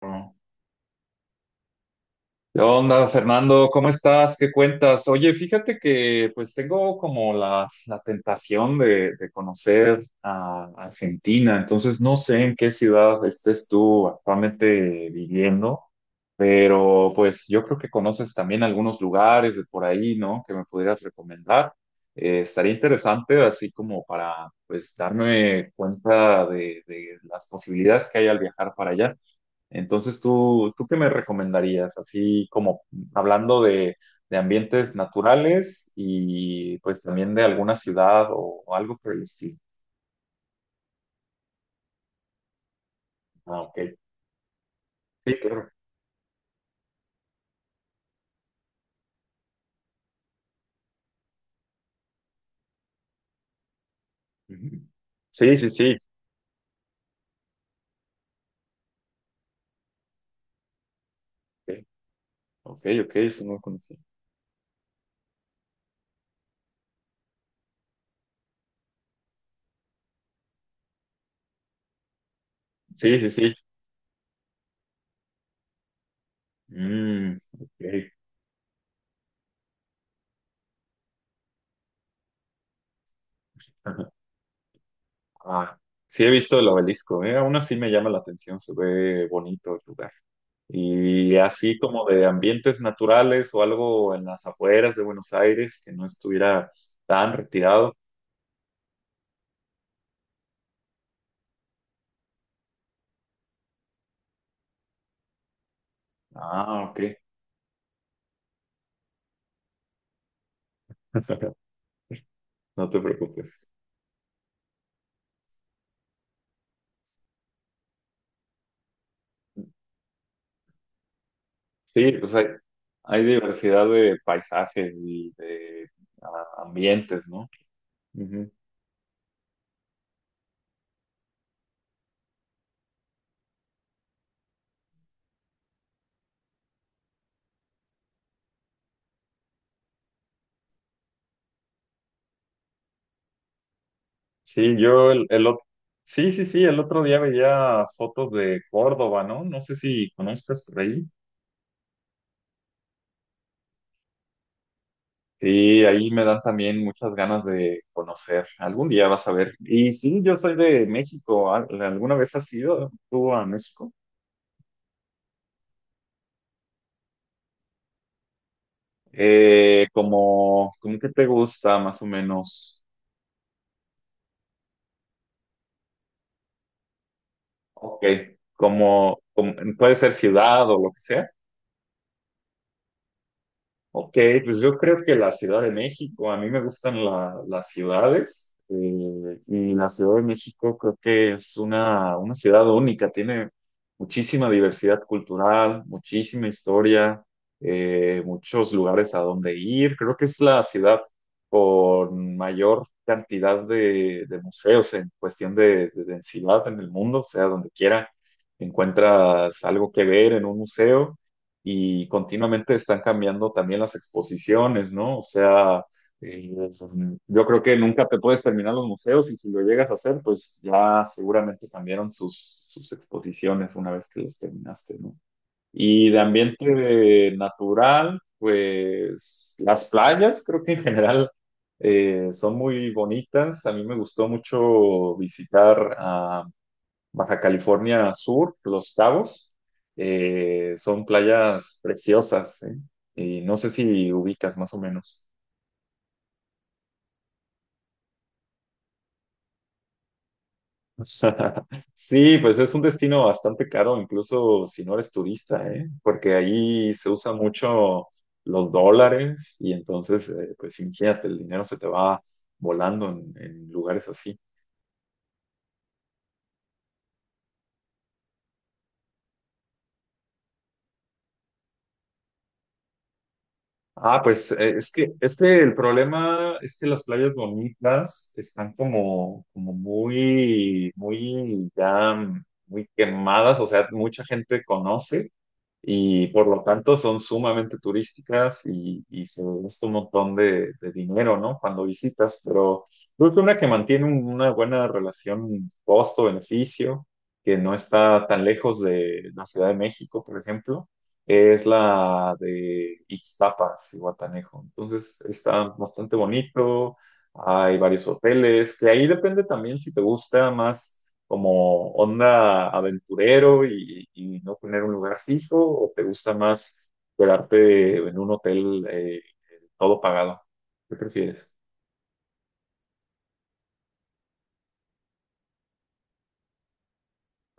¿Qué onda, Fernando? ¿Cómo estás? ¿Qué cuentas? Oye, fíjate que pues tengo como la tentación de conocer a Argentina, entonces no sé en qué ciudad estés tú actualmente viviendo, pero pues yo creo que conoces también algunos lugares de por ahí, ¿no? Que me pudieras recomendar. Estaría interesante así como para pues darme cuenta de las posibilidades que hay al viajar para allá. Entonces, ¿tú qué me recomendarías? Así como hablando de ambientes naturales y pues también de alguna ciudad o algo por el estilo. Ah, ok. Sí, claro. Ujú. Sí, sí, sí. Ok, ok, ok, eso no lo conocí. Sí, sí, sí. Mm, ok. Ah, sí he visto el obelisco, aún así me llama la atención, se ve bonito el lugar. Y así como de ambientes naturales o algo en las afueras de Buenos Aires que no estuviera tan retirado. Ah, ok. No te preocupes. Sí, hay diversidad de paisajes y de ambientes, ¿no? Ujú. Sí, yo el ot- Sí, sí, sí, el otro día veía fotos de Córdoba, ¿no? No sé si conozcas por ahí. Y ahí me dan también muchas ganas de conocer. Algún día vas a ver. Y sí, yo soy de México. ¿Alguna vez has ido tú a México? ¿Como que te gusta más o menos? Ok, como puede ser ciudad o lo que sea. Ok, pues yo creo que la Ciudad de México, a mí me gustan las ciudades, y la Ciudad de México creo que es una ciudad única, tiene muchísima diversidad cultural, muchísima historia, muchos lugares a donde ir. Creo que es la ciudad con mayor cantidad de museos en cuestión de densidad en el mundo, o sea, donde quiera encuentras algo que ver en un museo y continuamente están cambiando también las exposiciones, ¿no? O sea, eh, yo creo que nunca te puedes terminar los museos y si lo llegas a hacer, pues ya seguramente cambiaron sus exposiciones una vez que los terminaste, ¿no? Y de ambiente natural, pues las playas creo que en general son muy bonitas. A mí me gustó mucho visitar Baja California Sur, Los Cabos, son playas preciosas, ¿eh? Y no sé si ubicas más o menos. Sí, pues es un destino bastante caro, incluso si no eres turista, ¿eh? Porque ahí se usa mucho los dólares y entonces, pues imagínate, el dinero se te va volando en lugares así. Ah, pues es que el problema es que las playas bonitas están como, como muy, muy ya, muy quemadas, o sea, mucha gente conoce y por lo tanto son sumamente turísticas y se gasta un montón de dinero, ¿no? Cuando visitas, pero creo que una que mantiene una buena relación costo-beneficio, que no está tan lejos de la Ciudad de México, por ejemplo, es la de Ixtapa y Guatanejo. Entonces está bastante bonito, hay varios hoteles, que ahí depende también si te gusta más como onda aventurero y no tener un lugar fijo. ¿O te gusta más quedarte en un hotel todo pagado? ¿Qué prefieres?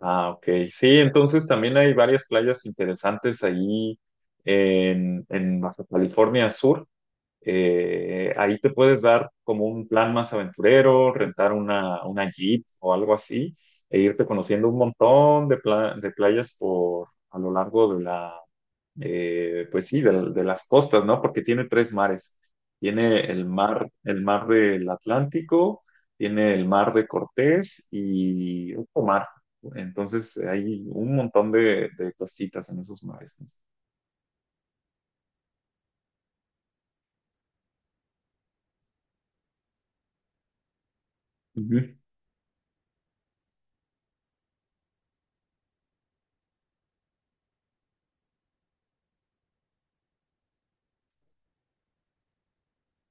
Ah, ok. Sí, entonces también hay varias playas interesantes ahí en Baja California Sur. Ahí te puedes dar como un plan más aventurero, rentar una Jeep o algo así, e irte conociendo un montón de, de playas por a lo largo de la, pues sí, de las costas, ¿no? Porque tiene tres mares. Tiene el mar del Atlántico, tiene el mar de Cortés y otro mar. Entonces hay un montón de costitas en esos mares, ¿no? Ujú.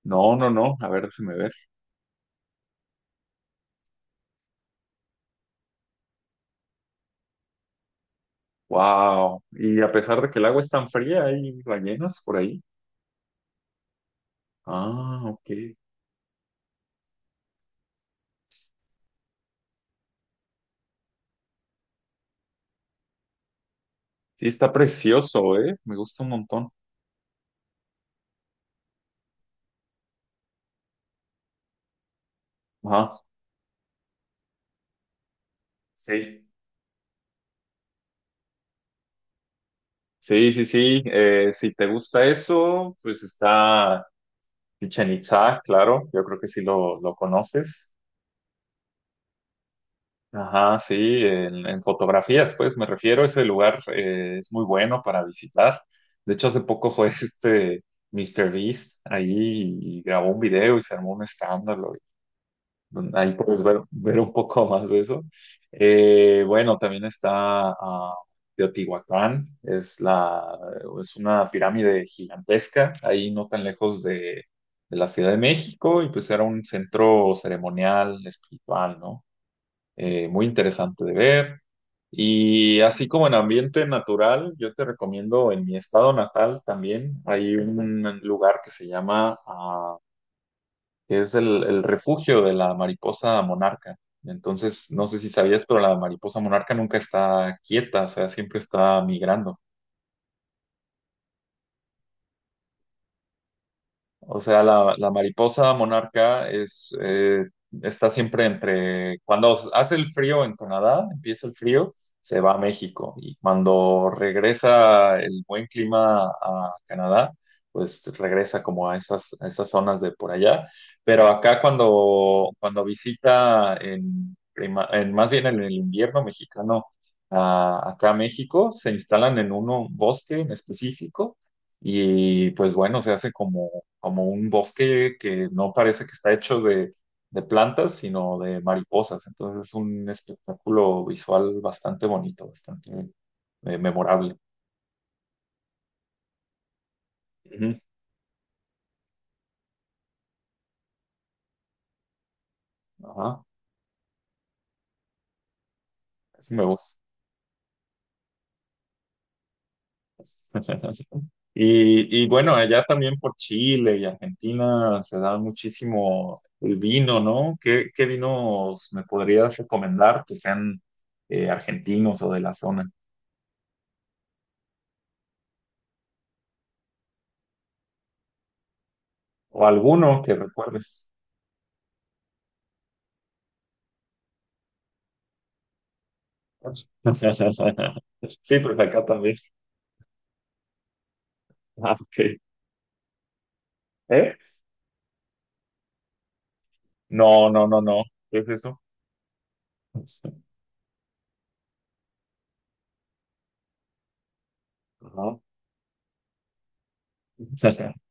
No, no, no. A ver, déjeme ver. Wow. Y a pesar de que el agua es tan fría, hay ballenas por ahí. Ah, ok. Sí, está precioso, ¿eh? Me gusta un montón. Ajá. Sí. Sí, sí, sí. Si te gusta eso, pues está Chichen Itzá, claro. Yo creo que sí lo conoces. Ajá, sí. En fotografías, pues me refiero. Ese lugar, es muy bueno para visitar. De hecho, hace poco fue este Mr. Beast ahí y grabó un video y se armó un escándalo. Donde ahí puedes ver, ver un poco más de eso. Bueno, también está ah, Teotihuacán, es una pirámide gigantesca, ahí no tan lejos de la Ciudad de México, y pues era un centro ceremonial, espiritual, ¿no? Muy interesante de ver. Y así como en ambiente natural, yo te recomiendo en mi estado natal también, hay un lugar que se llama que es el refugio de la mariposa monarca. Entonces, no sé si sabías, pero la mariposa monarca nunca está quieta, o sea, siempre está migrando. O sea, la mariposa monarca es, está siempre entre, cuando hace el frío en Canadá, empieza el frío, se va a México y cuando regresa el buen clima a Canadá, pues regresa como a esas zonas de por allá. Pero acá cuando visita en, en más bien en el invierno mexicano, acá a México, se instalan en un bosque en específico. Y pues bueno, se hace como un bosque que no parece que está hecho de plantas, sino de mariposas. Entonces es un espectáculo visual bastante bonito, bastante memorable. Ujú. Ajá, eso me gusta. Y, y bueno, allá también por Chile y Argentina se da muchísimo el vino, ¿no? ¿Qué vinos me podrías recomendar que sean argentinos o de la zona? O alguno que recuerdes. Sí, pues acá también. Ah, ok. ¿Eh? No, no, no, no. ¿Qué es eso? Ajá.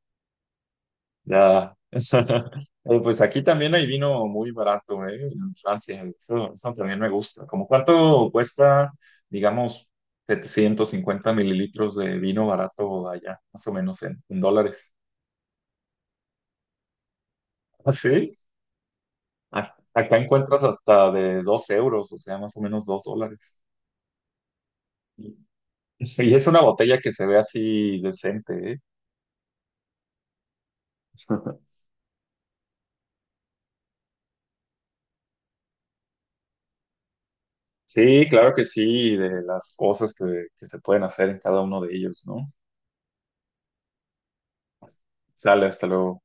Ya. Pues aquí también hay vino muy barato, ¿eh? En Francia. Eso también me gusta. ¿Cómo cuánto cuesta, digamos, 750 ml de vino barato allá? Más o menos en dólares. ¿Ah, sí? Acá encuentras hasta de 2 euros, o sea, más o menos 2 dólares. Y y es una botella que se ve así decente, ¿eh? Sí, claro que sí, de las cosas que se pueden hacer en cada uno de ellos, ¿no? Sale, hasta luego.